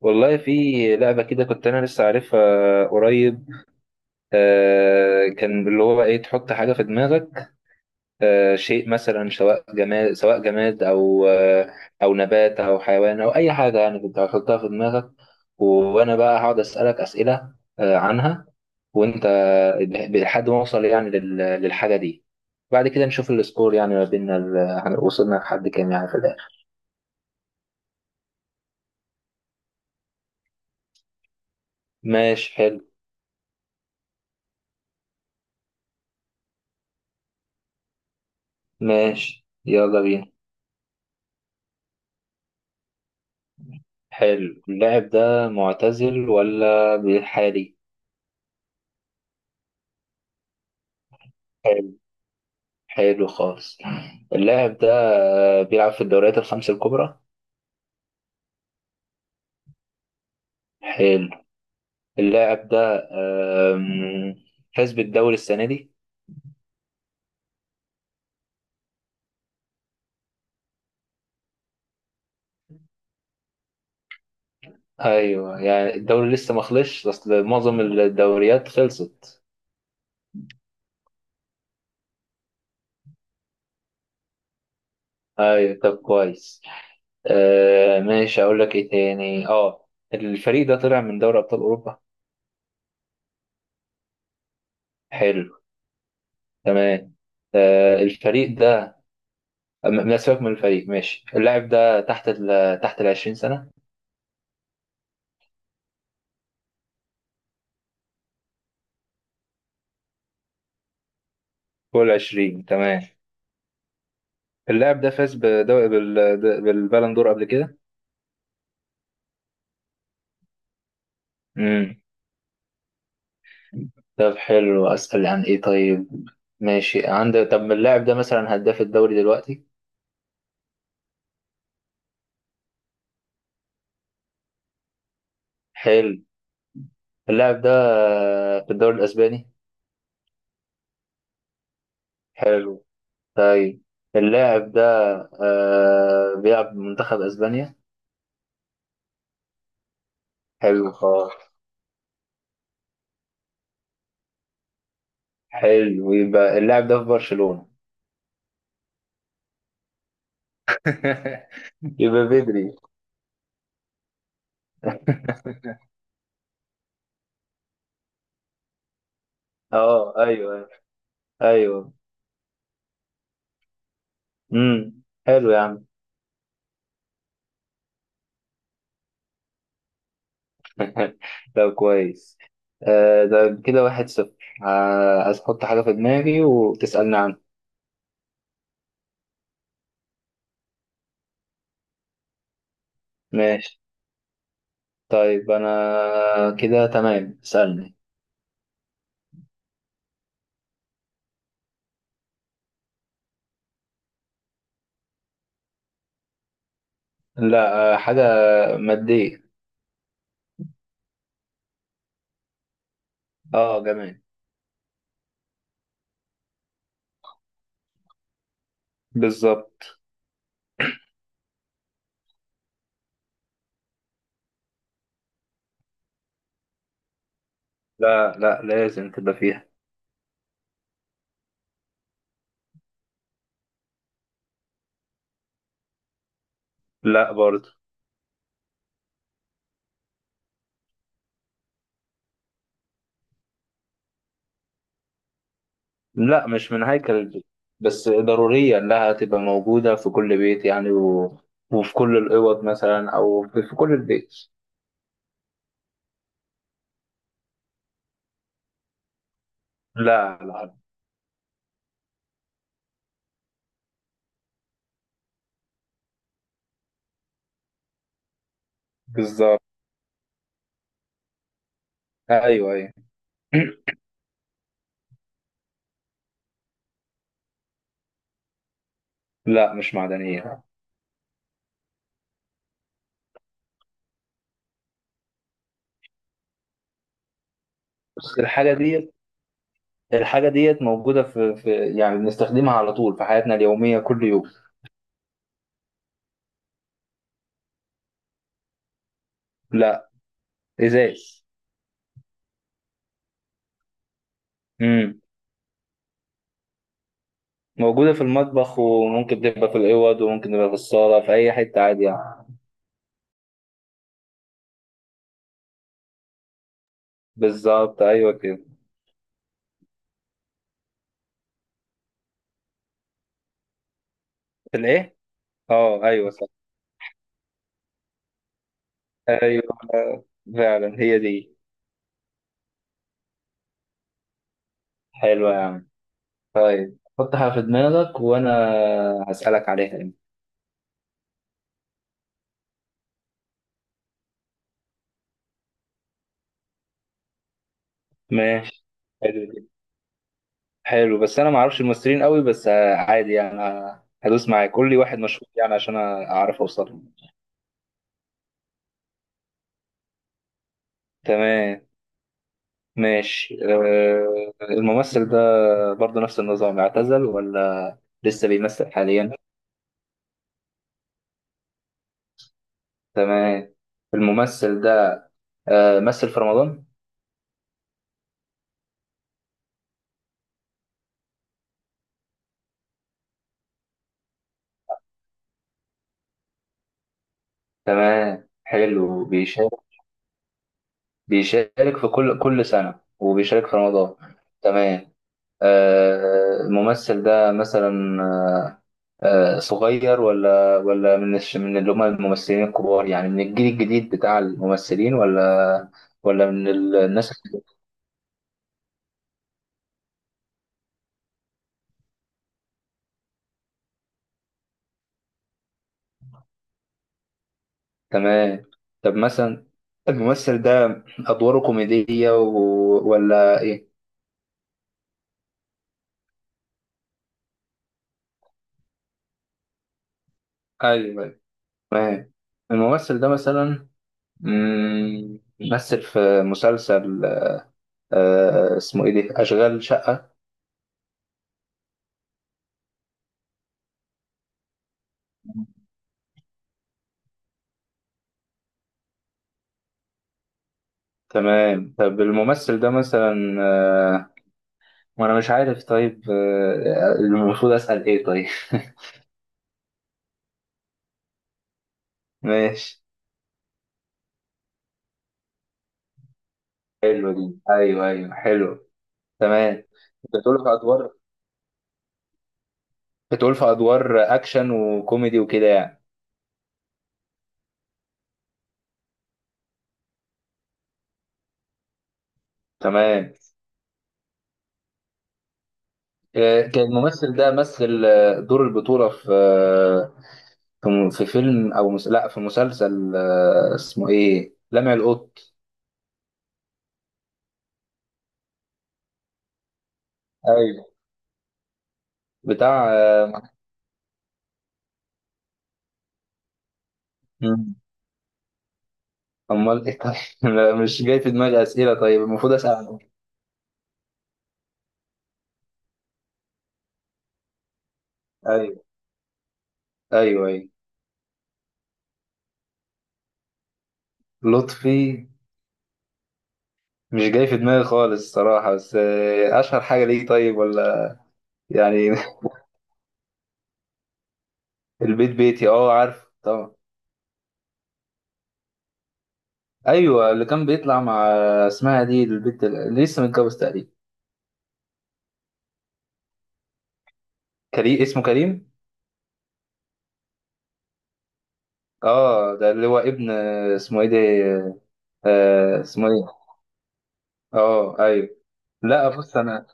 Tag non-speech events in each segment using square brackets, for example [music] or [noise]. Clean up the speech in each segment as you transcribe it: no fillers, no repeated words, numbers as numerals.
والله في لعبة كده كنت أنا لسه عارفها قريب. كان اللي هو إيه تحط حاجة في دماغك. شيء مثلا، سواء جماد أو نبات أو حيوان أو أي حاجة، يعني كنت هتحطها في دماغك، وأنا بقى هقعد أسألك أسئلة عنها، وأنت لحد ما أوصل يعني للحاجة دي. بعد كده نشوف السكور يعني ما بيننا، وصلنا لحد كام يعني في الآخر. ماشي، حلو. ماشي، يلا بينا. حلو، اللاعب ده معتزل ولا بحالي؟ حلو. حلو خالص، اللاعب ده بيلعب في الدوريات الخمس الكبرى. حلو، اللاعب ده آم، فاز بالدوري السنة دي. ايوه، يعني الدوري لسه ما خلصش، اصل معظم الدوريات خلصت. ايوه، طب كويس. ماشي، اقول لك ايه تاني. اه الفريق ده طلع من دوري ابطال اوروبا. حلو. تمام. آه، الفريق ده لا، سيبك من الفريق. ماشي، اللاعب ده تحت ال 20 سنة. فوق ال 20، تمام. اللاعب ده فاز بدوري، بالبالون دور قبل كده. امم طب حلو، أسأل عن إيه طيب؟ ماشي، عند طب اللاعب ده مثلا هداف الدوري دلوقتي؟ حلو، اللاعب ده في الدوري الأسباني. حلو. طيب، اللاعب ده بيلعب منتخب أسبانيا. حلو خالص. حلو، يبقى اللاعب ده في برشلونة. [laughs] يبقى بدري. [laughs] اه، ايوه. ايوه، حلو يا عم. [laughs] طب كويس. ده كده 1-0. عايز احط حاجة في دماغي وتسألني عنها. ماشي. طيب، انا كده تمام، اسألني. لا، حاجة مادية. اه، جميل. بالظبط. لا لا، لازم تبقى فيها. لا برضه. لا، مش من هيكل البيت، بس ضرورية إنها تبقى موجودة في كل بيت يعني، وفي كل الأوض مثلا، أو في كل البيت. لا لا. بالظبط. أيوه أيوه. [clears throat] لا، مش معدنية. بس الحاجة ديت، موجودة في يعني بنستخدمها على طول في حياتنا اليومية كل يوم. لا، إزاز. امم موجودة في المطبخ، وممكن تبقى في الأوض، وممكن تبقى في الصالة، في أي حتة عادي يعني. بالظبط، أيوه كده. في الإيه؟ أه، أيوه صح. أيوة. فعلا هي دي. حلوة يا عم. طيب، حطها في دماغك وأنا هسألك عليها يعني. ماشي. حلو جدا. حلو، بس أنا معرفش الممثلين قوي، بس عادي يعني، هدوس معاك، قول لي واحد مشهور يعني عشان أعرف أوصل له. تمام. ماشي، الممثل ده برضه نفس النظام، اعتزل ولا لسه بيمثل حاليا؟ تمام. الممثل ده مثل في رمضان. تمام، حلو، بيشارك. بيشارك في كل سنة وبيشارك في رمضان. تمام. الممثل ده مثلا، صغير ولا من من اللي هم الممثلين الكبار، يعني من الجيل الجديد بتاع الممثلين، ولا من الناس؟ تمام. طب مثلا، الممثل ده أدواره كوميدية ولا إيه؟ أيوه أيوة. تمام. الممثل ده مثلا، مثل في مسلسل، اسمه ايه دي، اشغال شقة؟ تمام. طب الممثل ده مثلا، وانا مش عارف طيب، المفروض اسأل ايه طيب؟ [laughs] ماشي. حلو دي. ايوه ايوه حلو. تمام. بتقول في ادوار بتقول في ادوار اكشن وكوميدي وكده يعني. تمام. كان الممثل ده مثل دور البطولة في فيلم او مس... لا في مسلسل اسمه ايه لمع القط؟ ايوه، بتاع آه، امال ايه طيب؟ [laughs] لا، مش جاي في دماغي اسئله. طيب، المفروض اسال عن، ايوه ايوه ايوه، لطفي. مش جاي في دماغي خالص الصراحه، بس اشهر حاجه ليه طيب ولا يعني؟ [laughs] البيت بيتي، اه عارف طبعا. ايوه، اللي كان بيطلع مع، اسمها دي، البنت اللي لسه متجوز تقريبا. كريم، اسمه كريم. اه، ده اللي هو ابن، اسمه ايه ده، اسمه ايه. اه ايوه. لا بص، انا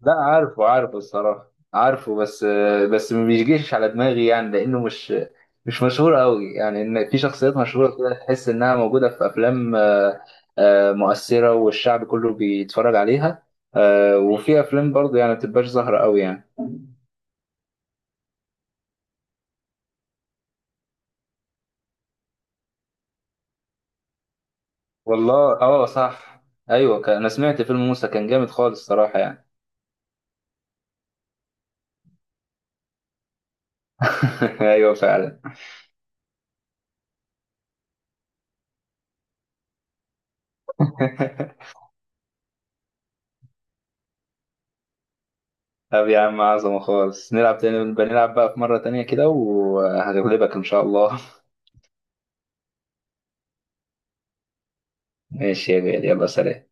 لا عارفه عارفه الصراحة عارفه، بس ما بيجيش على دماغي يعني، لأنه مش، مشهور قوي يعني، إن في شخصيات مشهورة كده تحس إنها موجودة في أفلام، مؤثرة والشعب كله بيتفرج عليها. وفي أفلام برضه يعني ما بتبقاش ظاهرة قوي يعني. والله اه صح. أيوه أنا سمعت فيلم موسى كان جامد خالص صراحة يعني. [laughs] أيوه فعلا. [laughs] طب يا عم، عظمة خالص. نلعب تاني، بنلعب بقى في مرة تانية كده وهغلبك إن شاء الله. ماشي يا غالي، يلا سلام.